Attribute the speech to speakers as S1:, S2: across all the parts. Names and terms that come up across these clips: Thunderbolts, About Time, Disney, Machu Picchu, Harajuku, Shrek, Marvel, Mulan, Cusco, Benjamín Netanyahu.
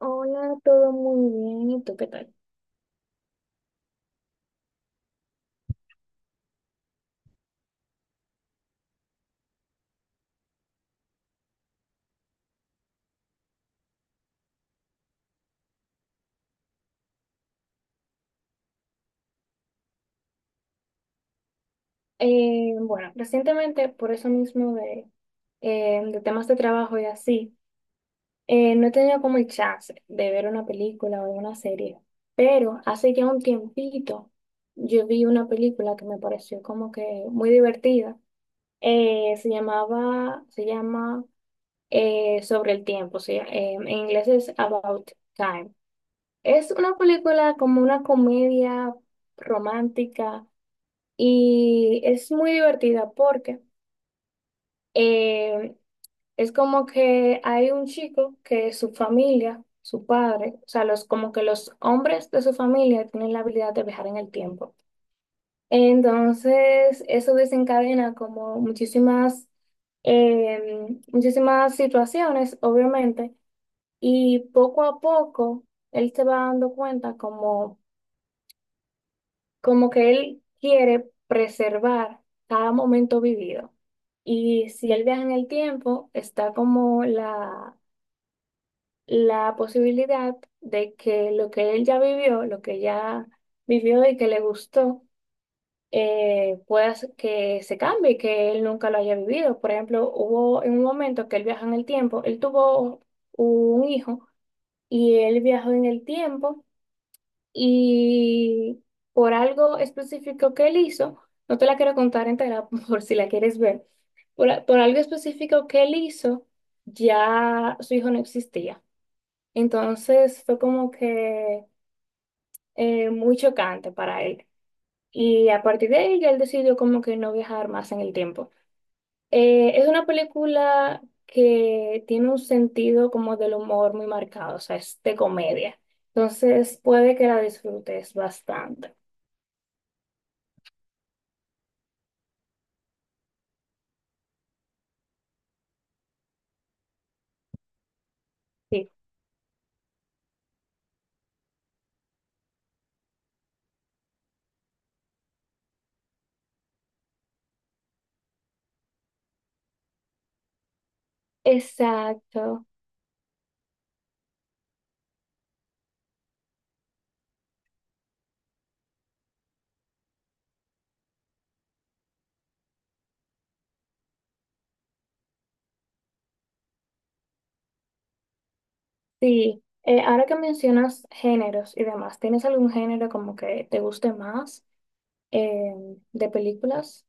S1: Hola, todo muy bien. ¿Y tú qué tal? Bueno, recientemente, por eso mismo de temas de trabajo y así, no he tenido como el chance de ver una película o una serie, pero hace ya un tiempito yo vi una película que me pareció como que muy divertida. Se llama Sobre el tiempo, o sea, en inglés es About Time. Es una película como una comedia romántica. Y es muy divertida porque eh, es como que hay un chico que su familia, su padre, o sea, los, como que los hombres de su familia tienen la habilidad de viajar en el tiempo. Entonces, eso desencadena como muchísimas situaciones, obviamente, y poco a poco él se va dando cuenta como que él quiere preservar cada momento vivido. Y si él viaja en el tiempo, está como la posibilidad de que lo que él ya vivió, lo que ya vivió y que le gustó, que se cambie, que él nunca lo haya vivido. Por ejemplo, hubo en un momento que él viaja en el tiempo, él tuvo un hijo y él viajó en el tiempo y por algo específico que él hizo, no te la quiero contar entera por si la quieres ver, por algo específico que él hizo, ya su hijo no existía. Entonces fue como que muy chocante para él. Y a partir de ahí ya él decidió como que no viajar más en el tiempo. Es una película que tiene un sentido como del humor muy marcado, o sea, es de comedia. Entonces puede que la disfrutes bastante. Sí. Exacto, sí. Ahora que mencionas géneros y demás, ¿tienes algún género como que te guste más eh, de películas?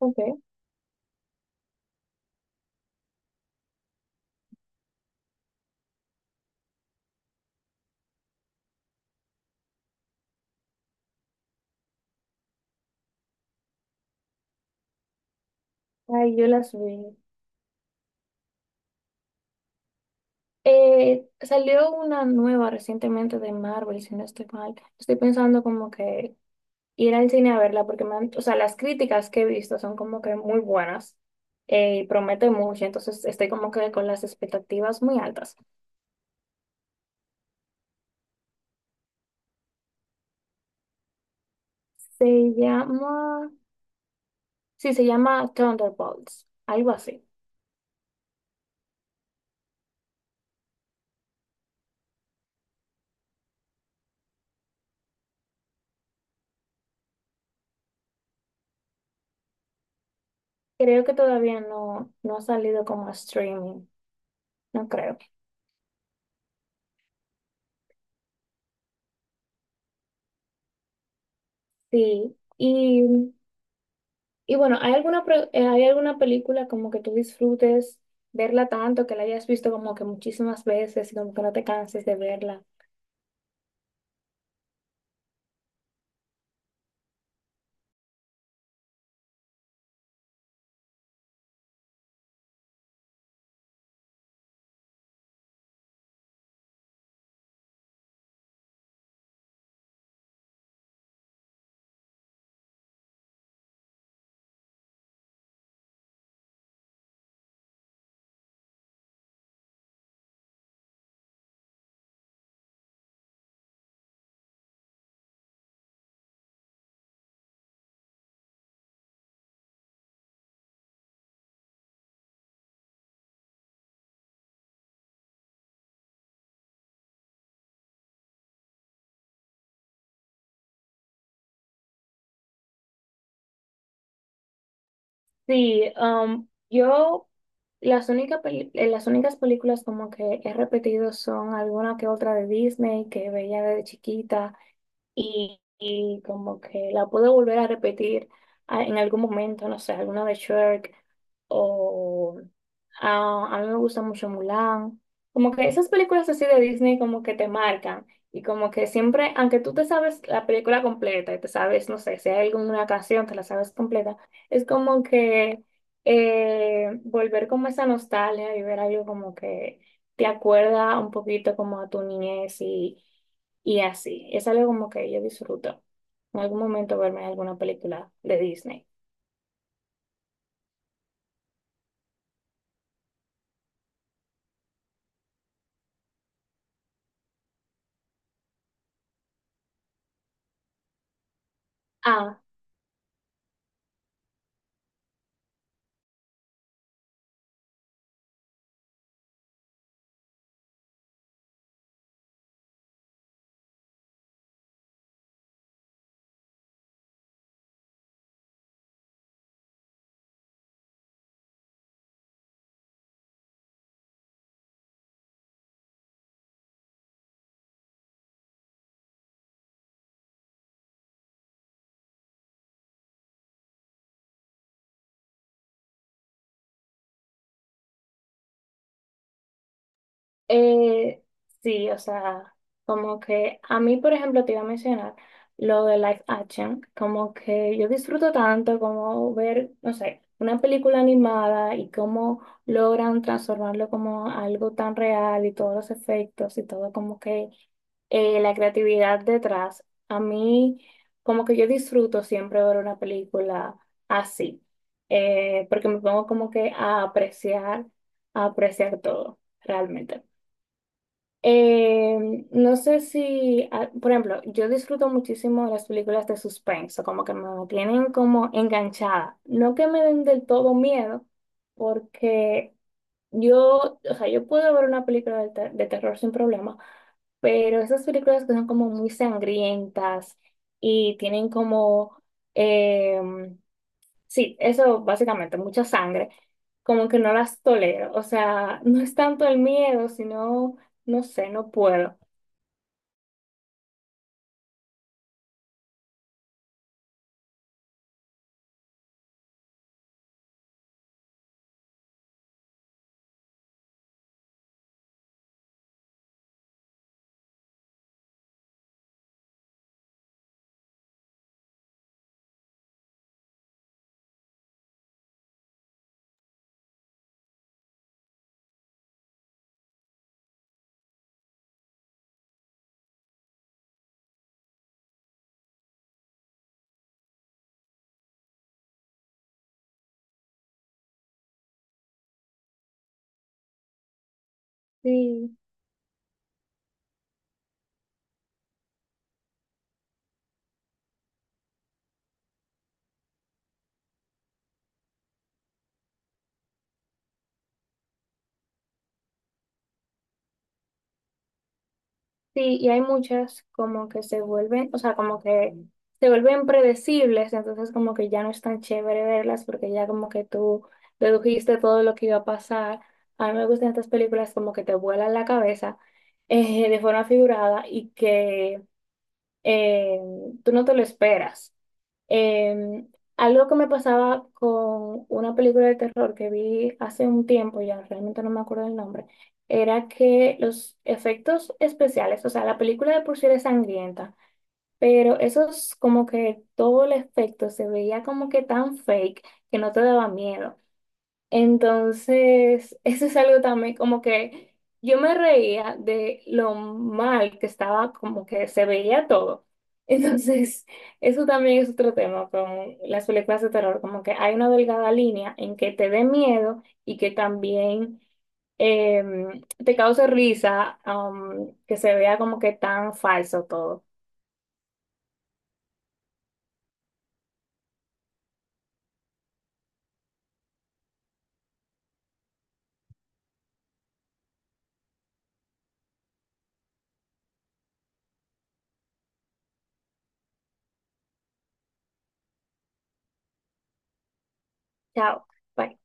S1: Ok, ahí yo las vi. Salió una nueva recientemente de Marvel, si no estoy mal. Estoy pensando como que ir al cine a verla porque o sea, las críticas que he visto son como que muy buenas, y promete mucho, entonces estoy como que con las expectativas muy altas. Se llama... Sí, se llama Thunderbolts, algo así. Creo que todavía no ha salido como streaming, no creo. Sí, y bueno, ¿hay alguna película como que tú disfrutes verla tanto, que la hayas visto como que muchísimas veces y como que no te canses de verla? Sí, um, yo las únicas, las únicas películas como que he repetido son alguna que otra de Disney que veía de chiquita y como que la puedo volver a repetir en algún momento, no sé, alguna de Shrek o mí me gusta mucho Mulan. Como que esas películas así de Disney como que te marcan y como que siempre, aunque tú te sabes la película completa y te sabes, no sé, si hay alguna canción, te la sabes completa, es como que volver como esa nostalgia y ver algo como que te acuerda un poquito como a tu niñez y así. Es algo como que yo disfruto en algún momento verme alguna película de Disney. Ah. Eh, sí, o sea, como que a mí, por ejemplo, te iba a mencionar lo de live action, como que yo disfruto tanto como ver, no sé, una película animada y cómo logran transformarlo como algo tan real y todos los efectos y todo como que la creatividad detrás. A mí, como que yo disfruto siempre ver una película así, porque me pongo como que a apreciar todo, realmente. Eh, no sé si, ah, por ejemplo, yo disfruto muchísimo de las películas de suspenso, como que me tienen como enganchada. No que me den del todo miedo, porque yo, o sea, yo puedo ver una película de terror sin problema, pero esas películas que son como muy sangrientas y tienen como, em, sí, eso básicamente, mucha sangre, como que no las tolero, o sea, no es tanto el miedo, sino, no sé, no puedo. Sí, sí, y hay muchas como que se vuelven, o sea, como que se vuelven predecibles, entonces como que ya no es tan chévere verlas porque ya como que tú dedujiste todo lo que iba a pasar. A mí me gustan estas películas como que te vuelan la cabeza de forma figurada y que eh, tú no te lo esperas. Em, Algo que me pasaba con una película de terror que vi hace un tiempo, ya realmente no me acuerdo el nombre, era que los efectos especiales, o sea, la película de por sí era sangrienta, pero eso es como que todo el efecto se veía como que tan fake que no te daba miedo. Entonces, eso es algo también como que yo me reía de lo mal que estaba, como que se veía todo. Entonces, eso también es otro tema con las películas de terror, como que hay una delgada línea en que te dé miedo y que también eh, te cause risa, que se vea como que tan falso todo. Chao. Bye.